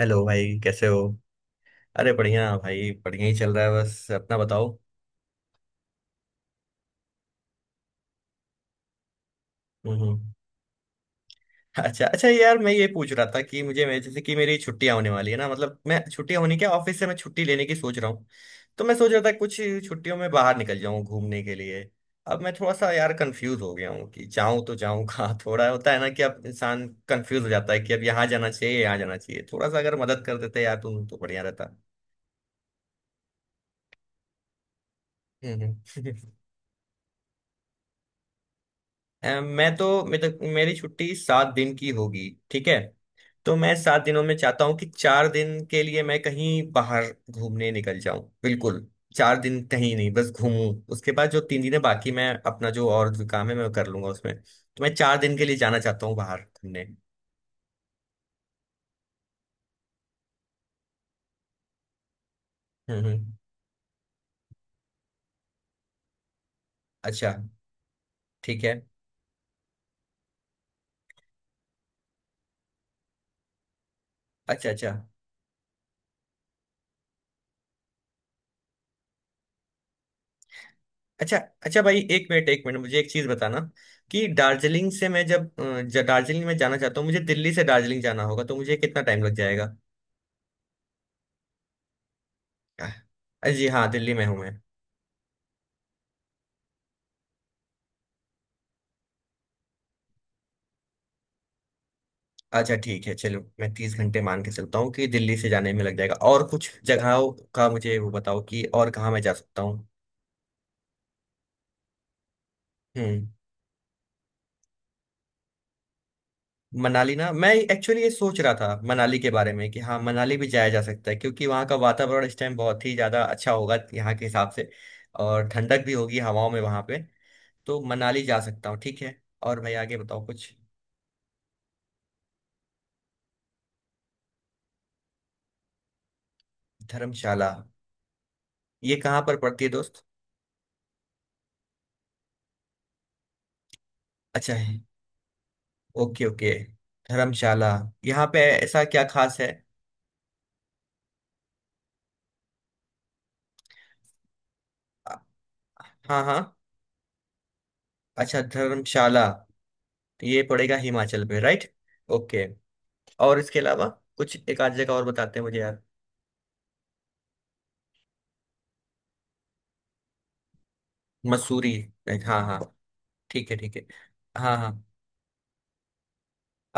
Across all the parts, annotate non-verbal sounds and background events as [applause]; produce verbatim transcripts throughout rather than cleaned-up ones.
Hello भाई, कैसे हो। अरे बढ़िया भाई, बढ़िया ही चल रहा है, बस अपना बताओ। हम्म हम्म। अच्छा अच्छा यार, मैं ये पूछ रहा था कि मुझे मैं जैसे कि मेरी छुट्टियां होने वाली है ना, मतलब मैं छुट्टियां होने क्या ऑफिस से मैं छुट्टी लेने की सोच रहा हूँ। तो मैं सोच रहा था कुछ छुट्टियों में बाहर निकल जाऊं घूमने के लिए। अब मैं थोड़ा सा यार कंफ्यूज हो गया हूँ कि जाऊं तो जाऊं [laughs] कहाँ। थोड़ा होता है ना कि अब इंसान कंफ्यूज हो जाता है कि अब यहाँ जाना चाहिए, यहाँ जाना चाहिए। थोड़ा सा अगर मदद कर देते यार तुम तो बढ़िया रहता। हम्म हम्म। [laughs] अ, मैं तो मेरे तो, मेरी छुट्टी सात दिन की होगी, ठीक है। तो मैं सात दिनों में चाहता हूँ कि चार दिन के लिए मैं कहीं बाहर घूमने निकल जाऊं। बिल्कुल चार दिन कहीं नहीं, बस घूमूं। उसके बाद जो तीन दिन है बाकी, मैं अपना जो और जो काम है मैं कर लूंगा उसमें। तो मैं चार दिन के लिए जाना चाहता हूँ बाहर घूमने। हम्म हम्म। अच्छा, ठीक है। अच्छा अच्छा। अच्छा अच्छा भाई, एक मिनट एक मिनट, मुझे एक चीज बताना कि दार्जिलिंग से मैं जब अ, ज- दार्जिलिंग में जाना चाहता हूँ, मुझे दिल्ली से दार्जिलिंग जाना होगा तो मुझे कितना टाइम लग जाएगा। अ- जी हाँ, दिल्ली में हूँ मैं। अच्छा ठीक है, चलो मैं तीस घंटे मान के चलता हूँ कि दिल्ली से जाने में लग जाएगा। और कुछ जगहों का मुझे वो बताओ कि और कहाँ मैं जा सकता हूँ। हम्म। मनाली, ना मैं एक्चुअली ये सोच रहा था मनाली के बारे में कि हाँ, मनाली भी जाया जा सकता है क्योंकि वहाँ का वातावरण इस टाइम बहुत ही ज़्यादा अच्छा होगा यहाँ के हिसाब से। और ठंडक भी होगी हवाओं में वहाँ पे। तो मनाली जा सकता हूँ, ठीक है। और भाई आगे बताओ कुछ। धर्मशाला। ये कहाँ पर पड़ती है दोस्त। अच्छा। Okay okay. धर्मशाला। यहाँ पे ऐसा क्या खास है। अ- हाँ हाँ। अच्छा धर्मशाला तो ये पड़ेगा हिमाचल पे, राइट। ओके। और इसके अलावा कुछ एक आध जगह और बताते हैं मुझे यार। मसूरी, right, हाँ हाँ। ठीक है ठीक है। हाँ हाँ।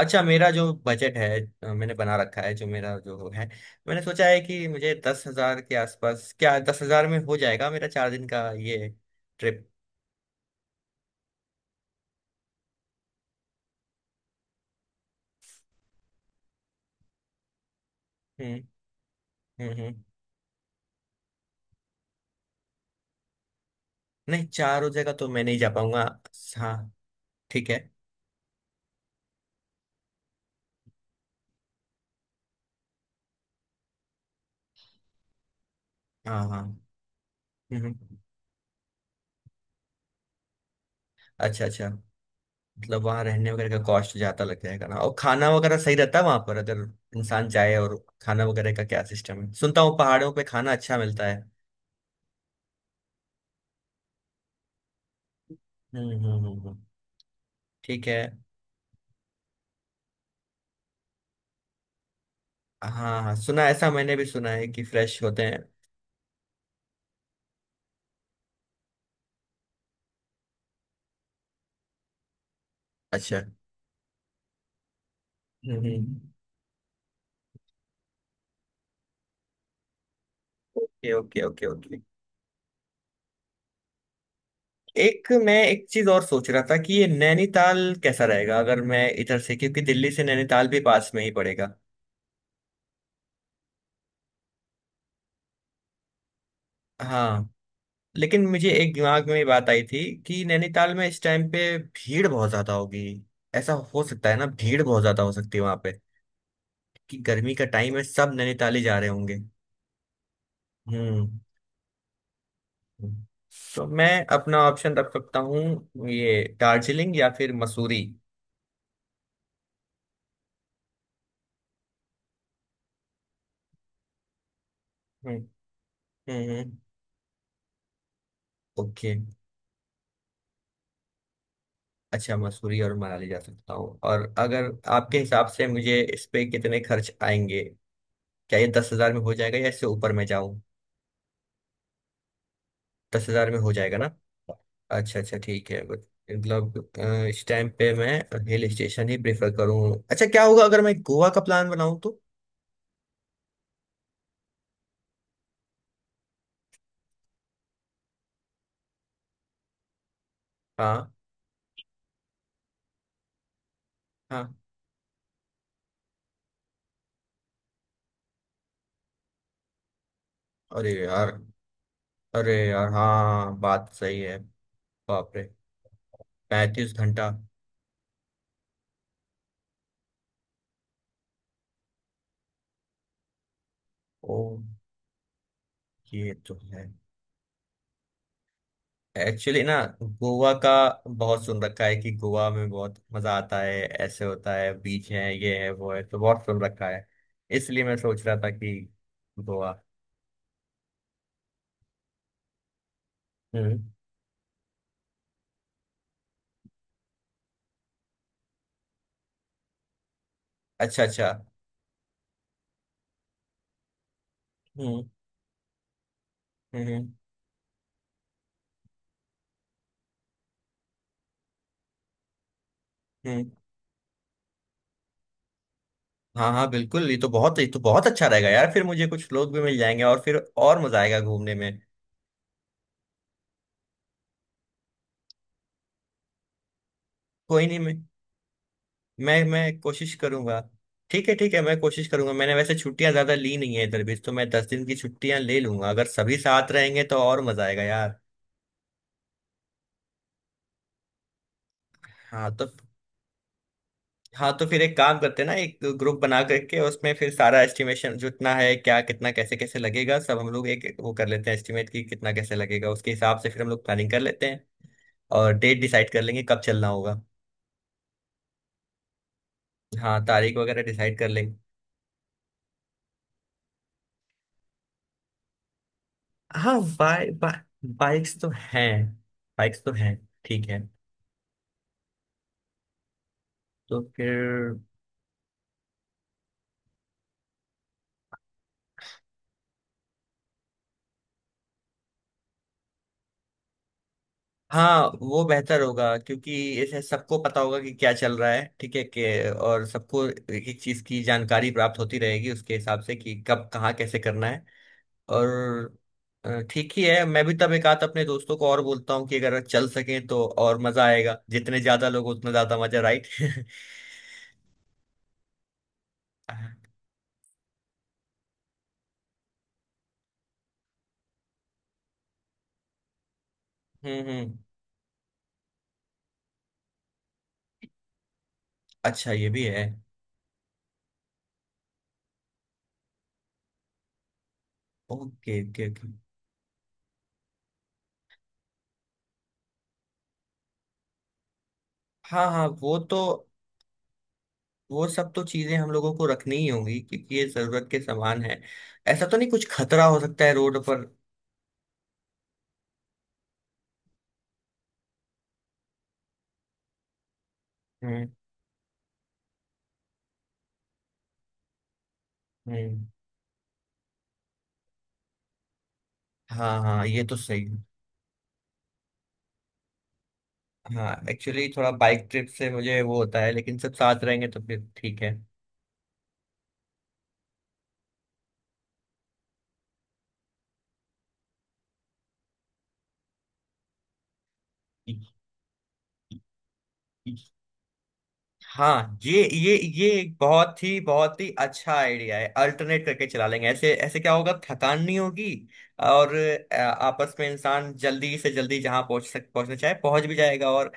अच्छा, मेरा जो बजट है, अ, मैंने बना रखा है, जो मेरा जो है, मैंने सोचा है कि मुझे दस हजार के आसपास, क्या दस हजार में हो जाएगा मेरा चार दिन का ये ट्रिप। हम्म हम्म हम्म। नहीं, चार हो जाएगा तो मैं नहीं जा पाऊंगा। हाँ, ठीक है। हाँ हाँ। हम्म हम्म। अच्छा अच्छा। मतलब वहाँ रहने वगैरह का कॉस्ट ज्यादा लग जाएगा ना। और खाना वगैरह सही रहता है वहाँ पर अगर इंसान जाए। और खाना वगैरह का क्या सिस्टम है, सुनता हूँ पहाड़ों पे खाना अच्छा मिलता है। हम्म हम्म हम्म हम्म। ठीक है। हाँ हाँ, सुना है, ऐसा मैंने भी सुना है कि फ्रेश होते हैं। अच्छा। हम्म। Okay okay okay okay. एक, मैं एक चीज और सोच रहा था कि ये नैनीताल कैसा रहेगा अगर मैं इधर से, क्योंकि दिल्ली से नैनीताल भी पास में ही पड़ेगा। हाँ, लेकिन मुझे एक दिमाग में बात आई थी कि नैनीताल में इस टाइम पे भीड़ बहुत ज्यादा होगी। ऐसा हो सकता है ना, भीड़ बहुत ज्यादा हो सकती है वहां पे कि गर्मी का टाइम है, सब नैनीताल ही जा रहे होंगे। हम्म हम्म। तो मैं अपना ऑप्शन रख सकता हूँ ये दार्जिलिंग या फिर मसूरी। हम्म हम्म हम्म। ओके। अच्छा, मसूरी और मनाली जा सकता हूँ। और अगर आपके हिसाब से मुझे इस पे कितने खर्च आएंगे, क्या ये दस हजार में हो जाएगा या इससे ऊपर में जाऊँ। दस हजार में हो जाएगा ना। अच्छा अच्छा, ठीक है। बट मतलब अ, इस टाइम पे मैं हिल स्टेशन ही प्रेफर करूँ अच्छा, क्या होगा अगर मैं गोवा का प्लान बनाऊँ तो। हाँ हाँ। अरे यार। अरे यार, हाँ, बात सही है। बाप रे, पैंतीस घंटा। ओ, ये तो है। एक्चुअली ना, गोवा का बहुत सुन रखा है कि गोवा में बहुत मजा आता है, ऐसे होता है, बीच है, ये है वो है, तो बहुत सुन रखा है। इसलिए मैं सोच रहा था कि गोवा। हम्म। अच्छा अच्छा। हम्म हम्म हम्म हम्म। हाँ हाँ बिल्कुल, ये तो बहुत, ये तो बहुत अच्छा रहेगा यार, फिर मुझे कुछ लोग भी मिल जाएंगे और फिर और मजा आएगा घूमने में। कोई नहीं, मैं मैं मैं कोशिश करूंगा। ठीक है ठीक है, मैं कोशिश करूंगा, मैंने वैसे छुट्टियां ज्यादा ली नहीं है इधर भी, तो मैं दस दिन की छुट्टियां ले लूंगा। अगर सभी साथ रहेंगे तो और मजा आएगा यार। हाँ तो, हाँ तो फिर एक काम करते हैं ना, एक ग्रुप बना करके, उसमें फिर सारा एस्टिमेशन जितना है क्या, कितना कैसे कैसे लगेगा, सब हम लोग एक एक वो कर लेते हैं एस्टिमेट कि कितना कैसे लगेगा, उसके हिसाब से फिर हम लोग प्लानिंग कर लेते हैं। और डेट डिसाइड कर लेंगे कब चलना होगा। हाँ, तारीख वगैरह डिसाइड कर लेंगे। हाँ, बाइ बा, बाइक्स तो हैं। बाइक्स तो हैं। ठीक है। तो फिर। हाँ, वो बेहतर होगा क्योंकि इसे सबको पता होगा कि क्या चल रहा है, ठीक है, कि और सबको एक एक चीज की जानकारी प्राप्त होती रहेगी उसके हिसाब से कि कब कहाँ कैसे करना है। और अ, ठीक ही है, मैं भी तब एक आध अपने दोस्तों को और बोलता हूँ कि अगर चल सकें तो और मजा आएगा, जितने ज्यादा लोग उतना ज्यादा मजा, राइट। [laughs] हम्म हम्म। अच्छा, ये भी है। Okay okay okay. हाँ हाँ, वो तो, वो सब तो चीजें हम लोगों को रखनी ही होंगी क्योंकि ये जरूरत के सामान है। ऐसा तो नहीं कुछ खतरा हो सकता है रोड पर। हम्म हम्म। हाँ हाँ, ये तो सही है। हाँ, एक्चुअली थोड़ा बाइक ट्रिप से मुझे वो होता है, लेकिन सब साथ रहेंगे तो फिर ठीक है। हाँ, ये ये ये एक बहुत ही बहुत ही अच्छा आइडिया है अल्टरनेट करके चला लेंगे, ऐसे ऐसे क्या होगा, थकान नहीं होगी। और अ, आपस में इंसान जल्दी से जल्दी जहाँ पहुंच सक पहुंचना चाहे पहुंच भी जाएगा और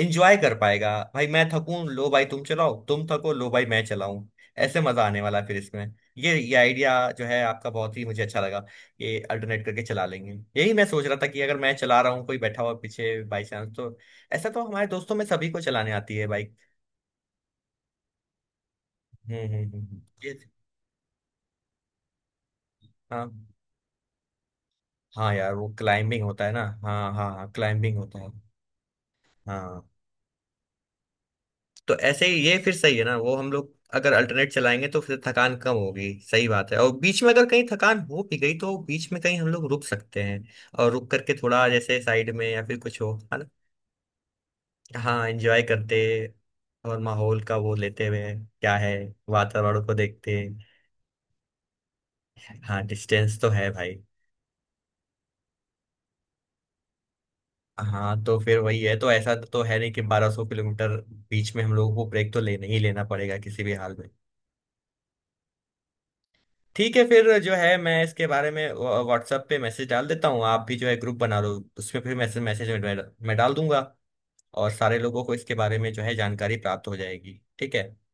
इंजॉय कर पाएगा। भाई मैं थकूं लो भाई तुम चलाओ, तुम थको लो भाई मैं चलाऊं, ऐसे मजा आने वाला है फिर इसमें। ये ये आइडिया जो है आपका, बहुत ही मुझे अच्छा लगा, ये अल्टरनेट करके चला लेंगे। यही मैं सोच रहा था कि अगर मैं चला रहा हूँ, कोई बैठा हुआ पीछे बाई चांस तो। ऐसा तो हमारे दोस्तों में सभी को चलाने आती है बाइक। हम्म हम्म हम्म, हम्म। ये थे। हाँ हाँ यार, वो क्लाइंबिंग होता है ना, हाँ हाँ हाँ, क्लाइंबिंग होता है। हाँ तो ऐसे ही ये फिर सही है ना, वो हम लोग अगर अल्टरनेट चलाएंगे तो फिर थकान कम होगी, सही बात है। और बीच में अगर कहीं थकान हो भी गई तो बीच में कहीं हम लोग रुक सकते हैं। और रुक करके थोड़ा जैसे साइड में या फिर कुछ हो, है ना। हाँ, एंजॉय करते और माहौल का वो लेते हुए, क्या है, वातावरण को देखते। हाँ डिस्टेंस तो है भाई। हाँ तो फिर वही है, तो ऐसा तो है नहीं कि बारह सौ किलोमीटर बीच में हम लोगों को ब्रेक तो लेना ही लेना पड़ेगा किसी भी हाल में। ठीक है, फिर जो है मैं इसके बारे में व्हाट्सएप पे मैसेज डाल देता हूँ, आप भी जो है ग्रुप बना लो, उसमें फिर मैसेज मैसेज मैं मैं डाल दूंगा। और सारे लोगों को इसके बारे में जो है जानकारी प्राप्त हो जाएगी, ठीक है।